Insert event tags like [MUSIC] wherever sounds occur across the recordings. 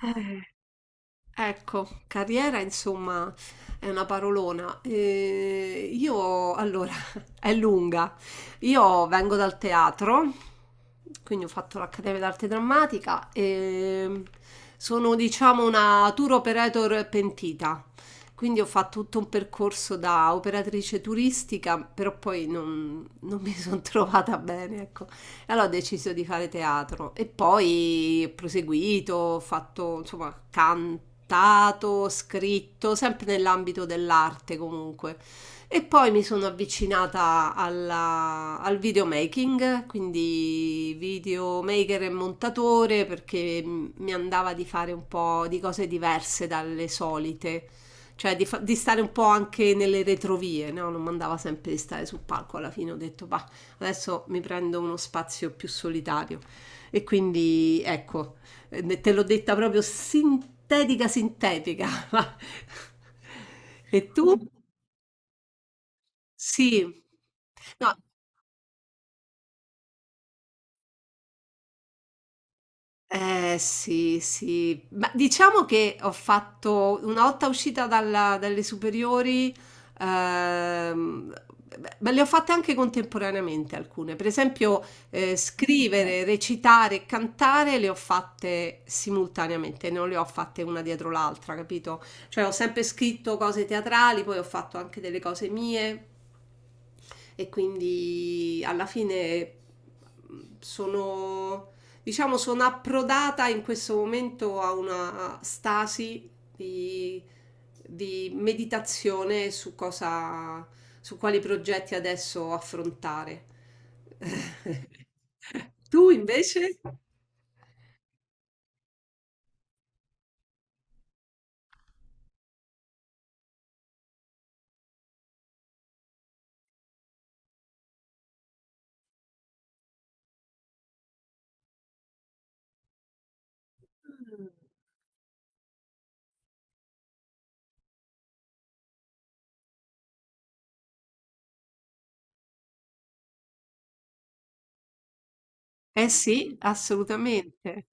Eh, ecco, carriera insomma è una parolona. Io allora [LAUGHS] è lunga. Io vengo dal teatro, quindi ho fatto l'Accademia d'Arte Drammatica e sono diciamo una tour operator pentita. Quindi ho fatto tutto un percorso da operatrice turistica, però poi non mi sono [LAUGHS] trovata bene, ecco. Allora ho deciso di fare teatro e poi ho proseguito, ho fatto, insomma, cantato, scritto, sempre nell'ambito dell'arte comunque. E poi mi sono avvicinata al videomaking, quindi videomaker e montatore, perché mi andava di fare un po' di cose diverse dalle solite, cioè di stare un po' anche nelle retrovie, no? Non mi andava sempre di stare sul palco, alla fine ho detto, bah, adesso mi prendo uno spazio più solitario. E quindi ecco, te l'ho detta proprio sintetica, sintetica. [LAUGHS] E tu? Sì. No, eh sì, sì, ma diciamo che ho fatto una volta uscita dalle superiori, ehm, beh, ma le ho fatte anche contemporaneamente alcune, per esempio scrivere, recitare, e cantare le ho fatte simultaneamente, non le ho fatte una dietro l'altra, capito? Cioè ho sempre scritto cose teatrali, poi ho fatto anche delle cose mie e quindi alla fine sono... Diciamo sono approdata in questo momento a una stasi di, di meditazione su cosa, su quali progetti adesso affrontare. [LAUGHS] Tu invece? Eh sì, assolutamente.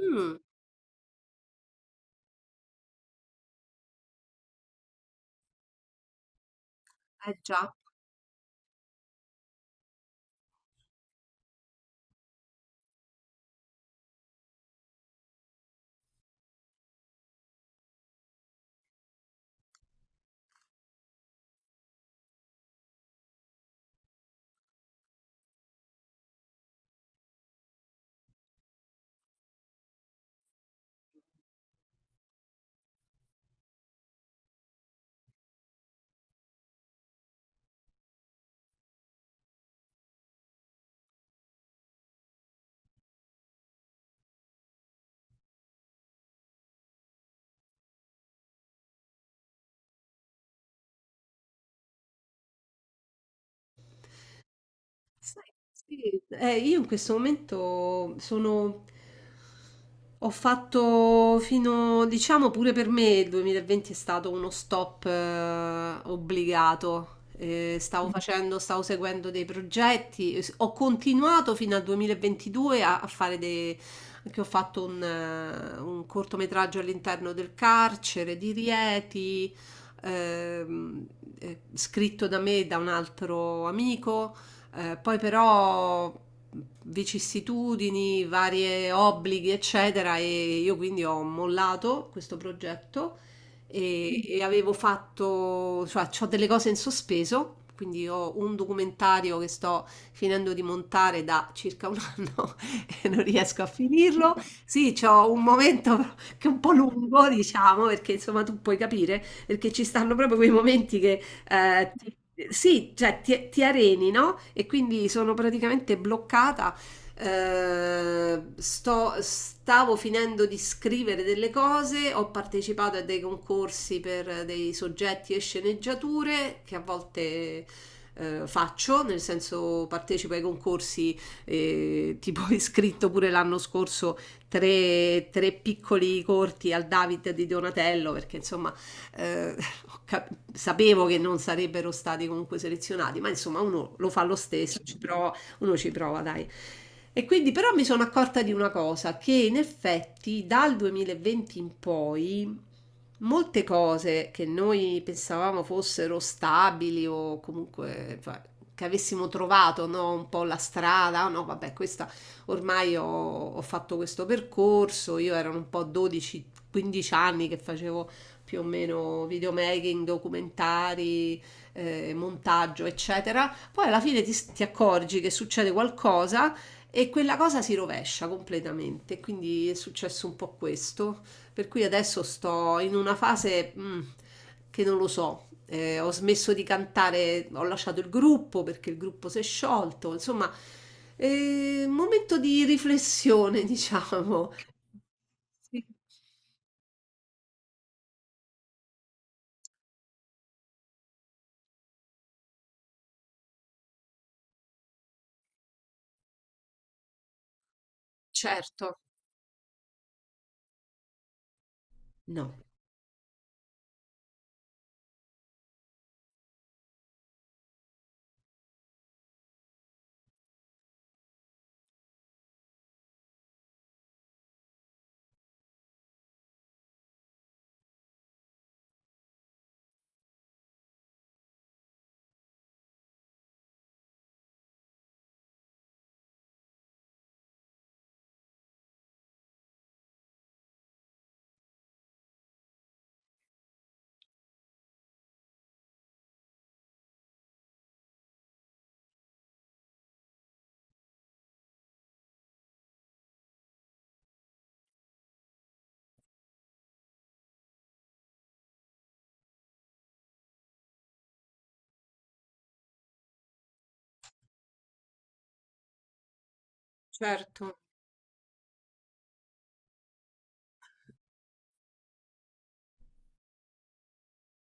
Mm, eh già. Sai sì, io in questo momento sono ho fatto fino, diciamo pure per me il 2020 è stato uno stop obbligato. Stavo mm facendo, stavo seguendo dei progetti, ho continuato fino al 2022 a, a fare dei... che ho fatto un cortometraggio all'interno del carcere di Rieti, ehm, scritto da me e da un altro amico. Poi però vicissitudini, varie obblighi, eccetera, e io quindi ho mollato questo progetto e avevo fatto, cioè, ho delle cose in sospeso. Quindi ho un documentario che sto finendo di montare da circa un anno [LAUGHS] e non riesco a finirlo. Sì, c'ho un momento che è un po' lungo, diciamo, perché insomma tu puoi capire, perché ci stanno proprio quei momenti che eh, ti- sì, cioè ti areni, no? E quindi sono praticamente bloccata. Stavo finendo di scrivere delle cose, ho partecipato a dei concorsi per dei soggetti e sceneggiature che a volte faccio, nel senso partecipo ai concorsi, tipo [LAUGHS] ho iscritto pure l'anno scorso tre piccoli corti al David di Donatello, perché insomma eh, sapevo che non sarebbero stati comunque selezionati, ma insomma uno lo fa lo stesso, ci prova, uno ci prova, dai. E quindi però mi sono accorta di una cosa, che in effetti dal 2020 in poi molte cose che noi pensavamo fossero stabili o comunque che avessimo trovato no, un po' la strada, "Ah, no, vabbè, questa ormai ho fatto questo percorso, io erano un po' 12-15 anni che facevo più o meno videomaking, documentari, montaggio, eccetera. Poi alla fine ti accorgi che succede qualcosa e quella cosa si rovescia completamente. Quindi è successo un po' questo. Per cui adesso sto in una fase mm, che non lo so. Ho smesso di cantare, ho lasciato il gruppo perché il gruppo si è sciolto. Insomma, è un momento di riflessione, [LAUGHS] diciamo. Certo, no, certo.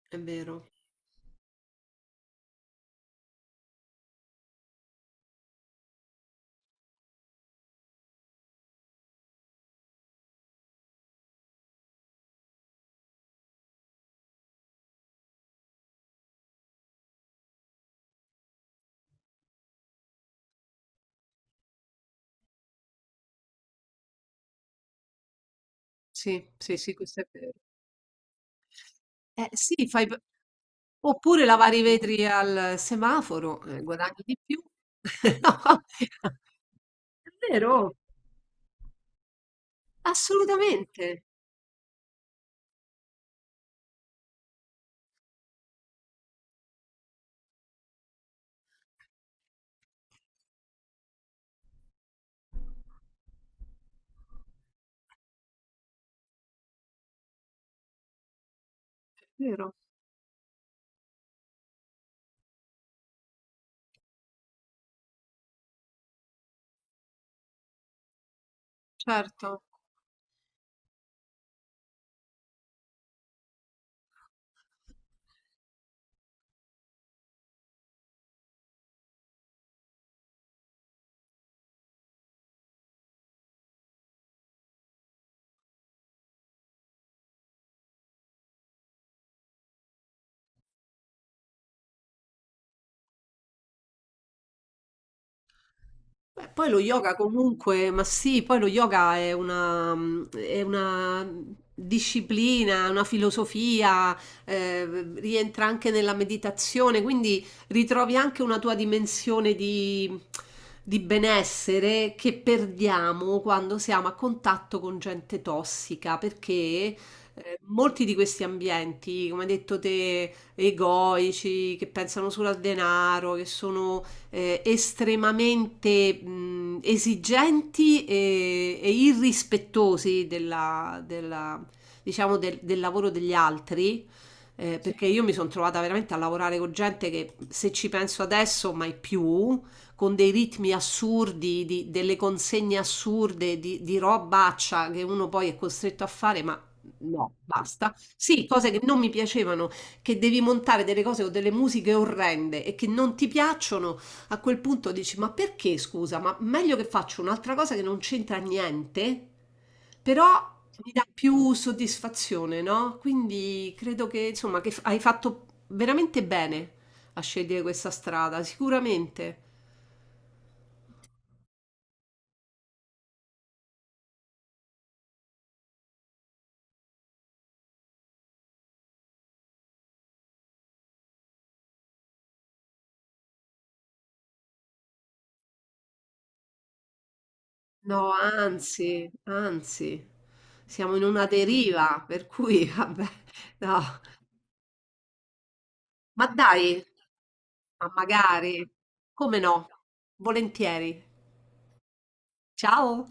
È vero. Sì, sì, sì, questo è vero. Eh sì, fai p oppure lavare i vetri al semaforo, guadagni di più. [LAUGHS] No, è vero, assolutamente, è vero, certo. Beh, poi lo yoga comunque, ma sì, poi lo yoga è una, mm, è una disciplina, una filosofia, eh, rientra anche nella meditazione, quindi ritrovi anche una tua dimensione di benessere che perdiamo quando siamo a contatto con gente tossica, perché molti di questi ambienti, come hai detto te, egoici, che pensano solo al denaro, che sono estremamente esigenti e irrispettosi diciamo del, del lavoro degli altri, perché io mi sono trovata veramente a lavorare con gente che se ci penso adesso mai più, con dei ritmi assurdi, delle consegne assurde, di robaccia che uno poi è costretto a fare, ma no, basta. Sì, cose che non mi piacevano che devi montare delle cose o delle musiche orrende e che non ti piacciono a quel punto dici, ma perché scusa? Ma meglio che faccio un'altra cosa che non c'entra niente, però mi dà più soddisfazione, no? Quindi credo che, insomma, hai fatto veramente bene a scegliere questa strada, sicuramente. No, anzi, anzi, siamo in una deriva, per cui, [LAUGHS] vabbè, no. Ma dai, ma magari, come no? Volentieri. Ciao!